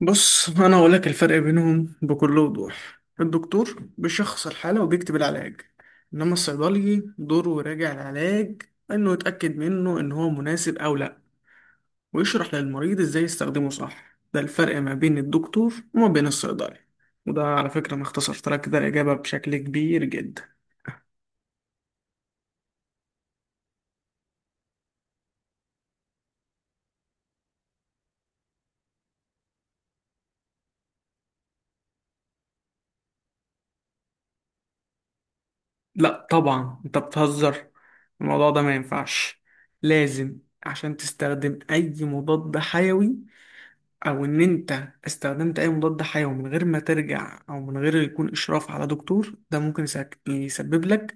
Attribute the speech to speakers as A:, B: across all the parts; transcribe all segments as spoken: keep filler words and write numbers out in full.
A: بص أنا أقول لك الفرق بينهم بكل وضوح. الدكتور بيشخص الحالة وبيكتب العلاج، إنما الصيدلي دوره يراجع العلاج، إنه يتأكد منه إن هو مناسب أو لأ، ويشرح للمريض إزاي يستخدمه صح. ده الفرق ما بين الدكتور وما بين الصيدلي، وده على فكرة أنا اختصرت لك كده الإجابة بشكل كبير جدا. لأ طبعا أنت بتهزر، الموضوع ده ما ينفعش. لازم عشان تستخدم أي مضاد حيوي، او ان انت استخدمت اي مضاد حيوي من غير ما ترجع او من غير يكون اشراف على دكتور، ده ممكن يسك- يسبب لك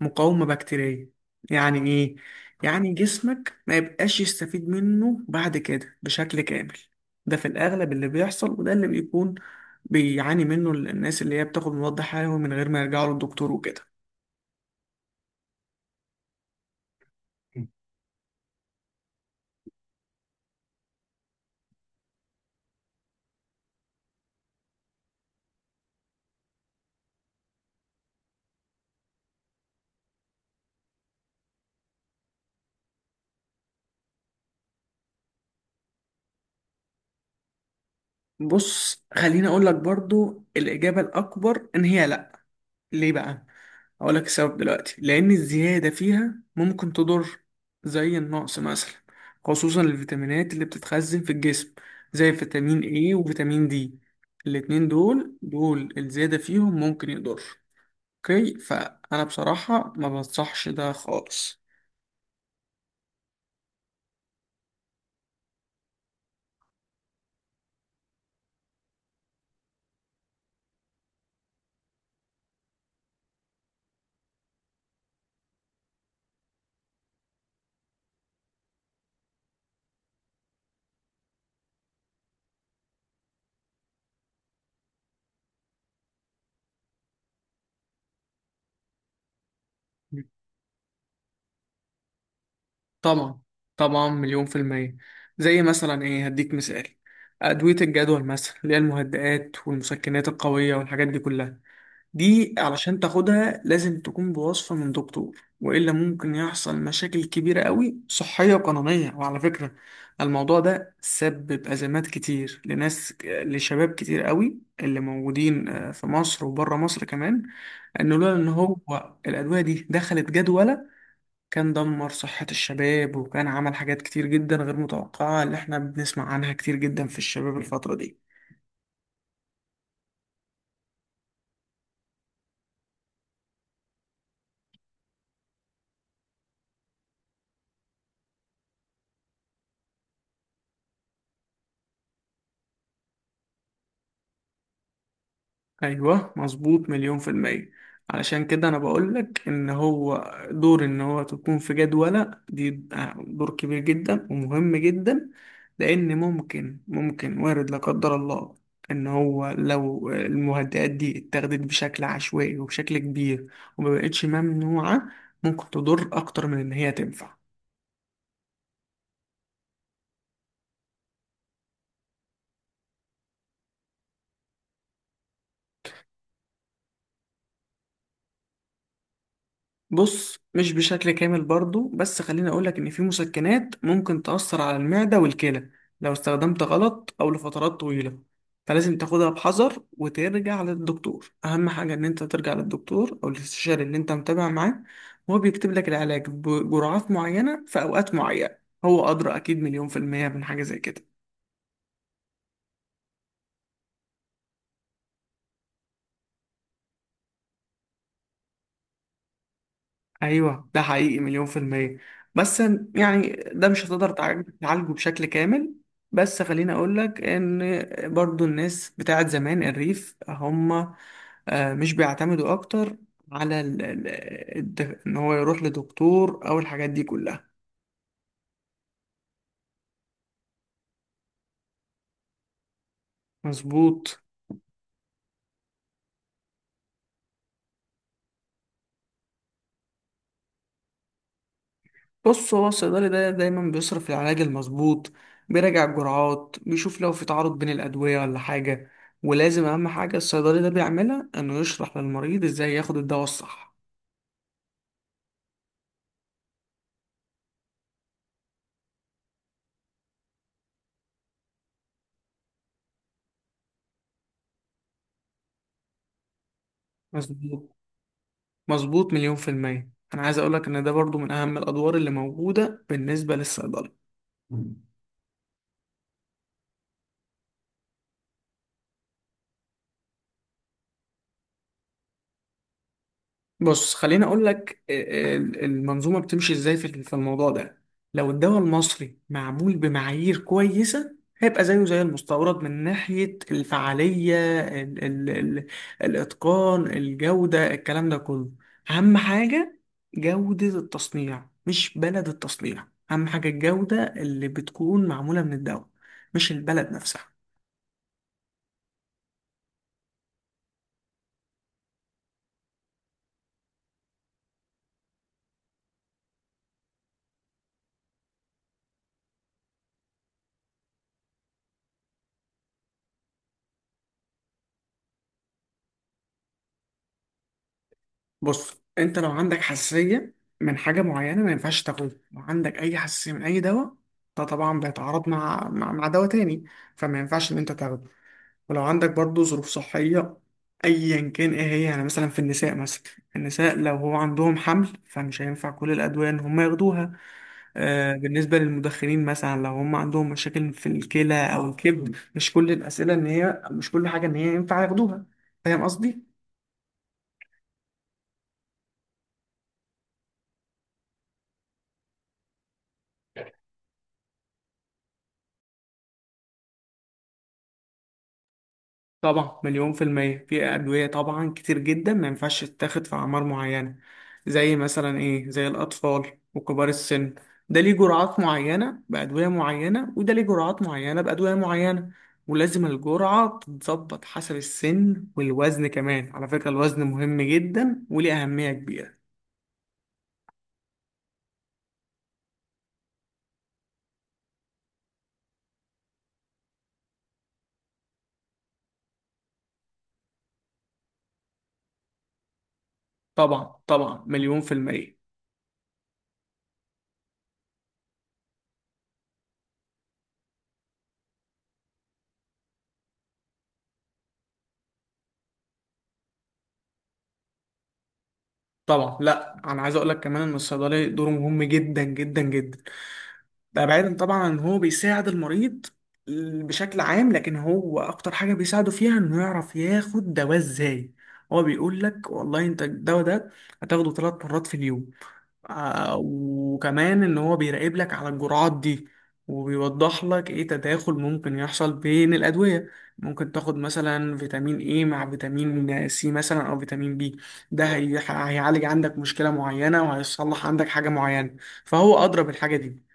A: مقاومة بكتيرية. يعني ايه؟ يعني جسمك ما يبقاش يستفيد منه بعد كده بشكل كامل. ده في الاغلب اللي بيحصل، وده اللي بيكون بيعاني منه الناس اللي هي بتاخد مضاد حيوي من غير ما يرجعوا للدكتور وكده. بص خليني اقول لك برضو الاجابه الاكبر ان هي لا. ليه بقى؟ هقول لك السبب دلوقتي، لأن الزيادة فيها ممكن تضر زي النقص مثلا، خصوصا الفيتامينات اللي بتتخزن في الجسم زي فيتامين إيه وفيتامين D. الاتنين دول دول الزيادة فيهم ممكن يضر. اوكي، فأنا بصراحة ما بنصحش ده خالص. طبعا طبعا مليون في المية. زي مثلا ايه، هديك مثال، أدوية الجدول مثلا اللي هي المهدئات والمسكنات القوية والحاجات دي كلها. دي علشان تاخدها لازم تكون بوصفة من دكتور، وإلا ممكن يحصل مشاكل كبيرة قوي صحية وقانونية. وعلى فكرة الموضوع ده سبب أزمات كتير لناس، لشباب كتير قوي اللي موجودين، آه، في مصر وبره مصر كمان. إنه لولا إن هو الأدوية دي دخلت جدولة، كان دمر صحة الشباب، وكان عمل حاجات كتير جدا غير متوقعة اللي احنا بنسمع عنها كتير جدا في الشباب الفترة دي. ايوه مظبوط مليون في المية. علشان كده انا بقولك ان هو دور ان هو تكون في جدولة دي دور كبير جدا ومهم جدا. لان ممكن ممكن وارد لا قدر الله ان هو لو المهدئات دي اتاخدت بشكل عشوائي وبشكل كبير ومبقتش ممنوعة، ممكن تضر اكتر من ان هي تنفع. بص مش بشكل كامل برضو، بس خليني أقولك إن في مسكنات ممكن تأثر على المعدة والكلى لو استخدمت غلط أو لفترات طويلة. فلازم تاخدها بحذر وترجع للدكتور. أهم حاجة إن أنت ترجع للدكتور أو الاستشاري اللي أنت متابع معاه، وهو بيكتب لك العلاج بجرعات معينة في أوقات معينة. هو أدرى أكيد مليون في المية من حاجة زي كده. ايوه ده حقيقي مليون في المية. بس يعني ده مش هتقدر تع- تعالجه بشكل كامل. بس خليني اقول لك ان برضو الناس بتاعت زمان، الريف هم، آه، مش بيعتمدوا اكتر على ال- ال- الد- ان هو يروح لدكتور او الحاجات دي كلها. مظبوط. بص هو الصيدلي ده دايما بيصرف العلاج المظبوط، بيراجع الجرعات، بيشوف لو في تعارض بين الأدوية ولا حاجة. ولازم، أهم حاجة الصيدلي ده بيعملها، إنه يشرح للمريض إزاي ياخد الدواء الصح. مظبوط. مظبوط مليون في المية. أنا عايز أقولك إن ده برضو من أهم الأدوار اللي موجودة بالنسبة للصيدلي. بص خليني اقول لك، آه، آه، المنظومه بتمشي ازاي في في الموضوع ده. لو الدواء المصري معمول بمعايير كويسه، هيبقى زيه زي المستورد من ناحيه الفعاليه، ال ال ال الاتقان، الجوده، الكلام ده كله. اهم حاجه جوده التصنيع، مش بلد التصنيع. اهم حاجه الجوده اللي بتكون معموله من الدواء، مش البلد نفسها. بص انت لو عندك حساسيه من حاجه معينه ما ينفعش تاخدها. لو عندك اي حساسيه من اي دواء، ده طبعا بيتعارض مع مع, مع دواء تاني، فما ينفعش ان انت تاخده. ولو عندك برضو ظروف صحيه ايا كان ايه هي، يعني مثلا في النساء مثلا، النساء لو هو عندهم حمل، فمش هينفع كل الادويه ان هم ياخدوها. آه بالنسبه للمدخنين مثلا، لو هم عندهم مشاكل في الكلى او الكبد، مش كل الاسئله ان هي، مش كل حاجه ان هي ينفع ياخدوها. فاهم قصدي؟ طبعا مليون في المية. في أدوية طبعا كتير جدا ما ينفعش تتاخد في أعمار معينة، زي مثلا إيه، زي الأطفال وكبار السن. ده ليه جرعات معينة بأدوية معينة، وده ليه جرعات معينة بأدوية معينة. ولازم الجرعة تتظبط حسب السن والوزن. كمان على فكرة الوزن مهم جدا وليه أهمية كبيرة. طبعا طبعا مليون في المية. طبعا لا، أنا عايز أقولك كمان إن الصيدلي دوره مهم جدا جدا جدا. ده بعيدا طبعا عن ان هو بيساعد المريض بشكل عام، لكن هو اكتر حاجه بيساعده فيها انه يعرف ياخد دواء ازاي. هو بيقول لك والله انت الدواء ده هتاخده ثلاث مرات في اليوم. آه وكمان ان هو بيراقب لك على الجرعات دي، وبيوضح لك ايه تداخل ممكن يحصل بين الادويه. ممكن تاخد مثلا فيتامين ايه مع فيتامين سي مثلا او فيتامين بي، ده هي- هيعالج عندك مشكله معينه وهيصلح عندك حاجه معينه، فهو ادرى بالحاجه دي.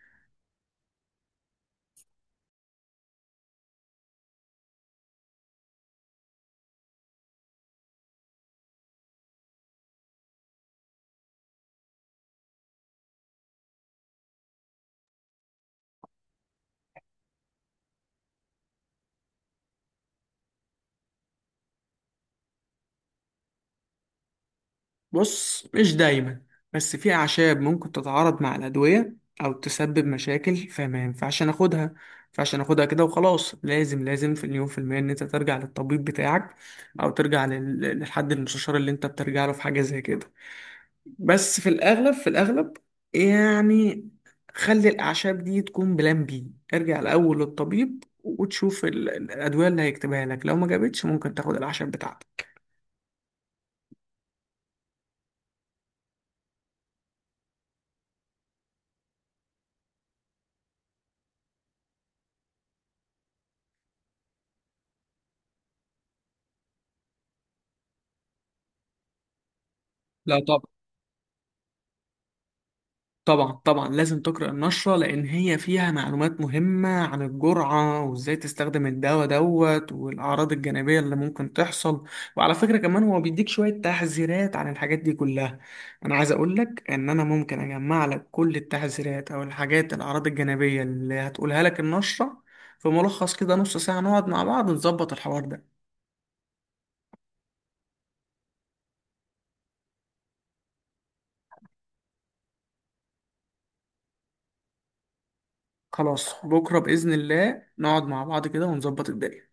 A: بص مش دايما، بس في أعشاب ممكن تتعارض مع الأدوية أو تسبب مشاكل، فما ينفعش ناخدها، ما ينفعش ناخدها كده وخلاص. لازم لازم في اليوم في المية إن أنت ترجع للطبيب بتاعك، أو ترجع لل- للحد المستشار اللي أنت بترجع له في حاجة زي كده. بس في الأغلب في الأغلب يعني، خلي الأعشاب دي تكون بلان بي. ارجع الأول للطبيب وتشوف ال- الأدوية اللي هيكتبها لك، لو ما جابتش ممكن تاخد الأعشاب بتاعتك. لا طبعا، طبعا طبعا لازم تقرأ النشرة، لأن هي فيها معلومات مهمة عن الجرعة وإزاي تستخدم الدواء دوت، والأعراض الجانبية اللي ممكن تحصل. وعلى فكرة كمان هو بيديك شوية تحذيرات عن الحاجات دي كلها. أنا عايز أقولك إن أنا ممكن أجمع لك كل التحذيرات أو الحاجات، الأعراض الجانبية اللي هتقولها لك النشرة، في ملخص كده. نص ساعة نقعد مع بعض نظبط الحوار ده. خلاص بكرة بإذن الله نقعد مع بعض كده ونظبط الدنيا.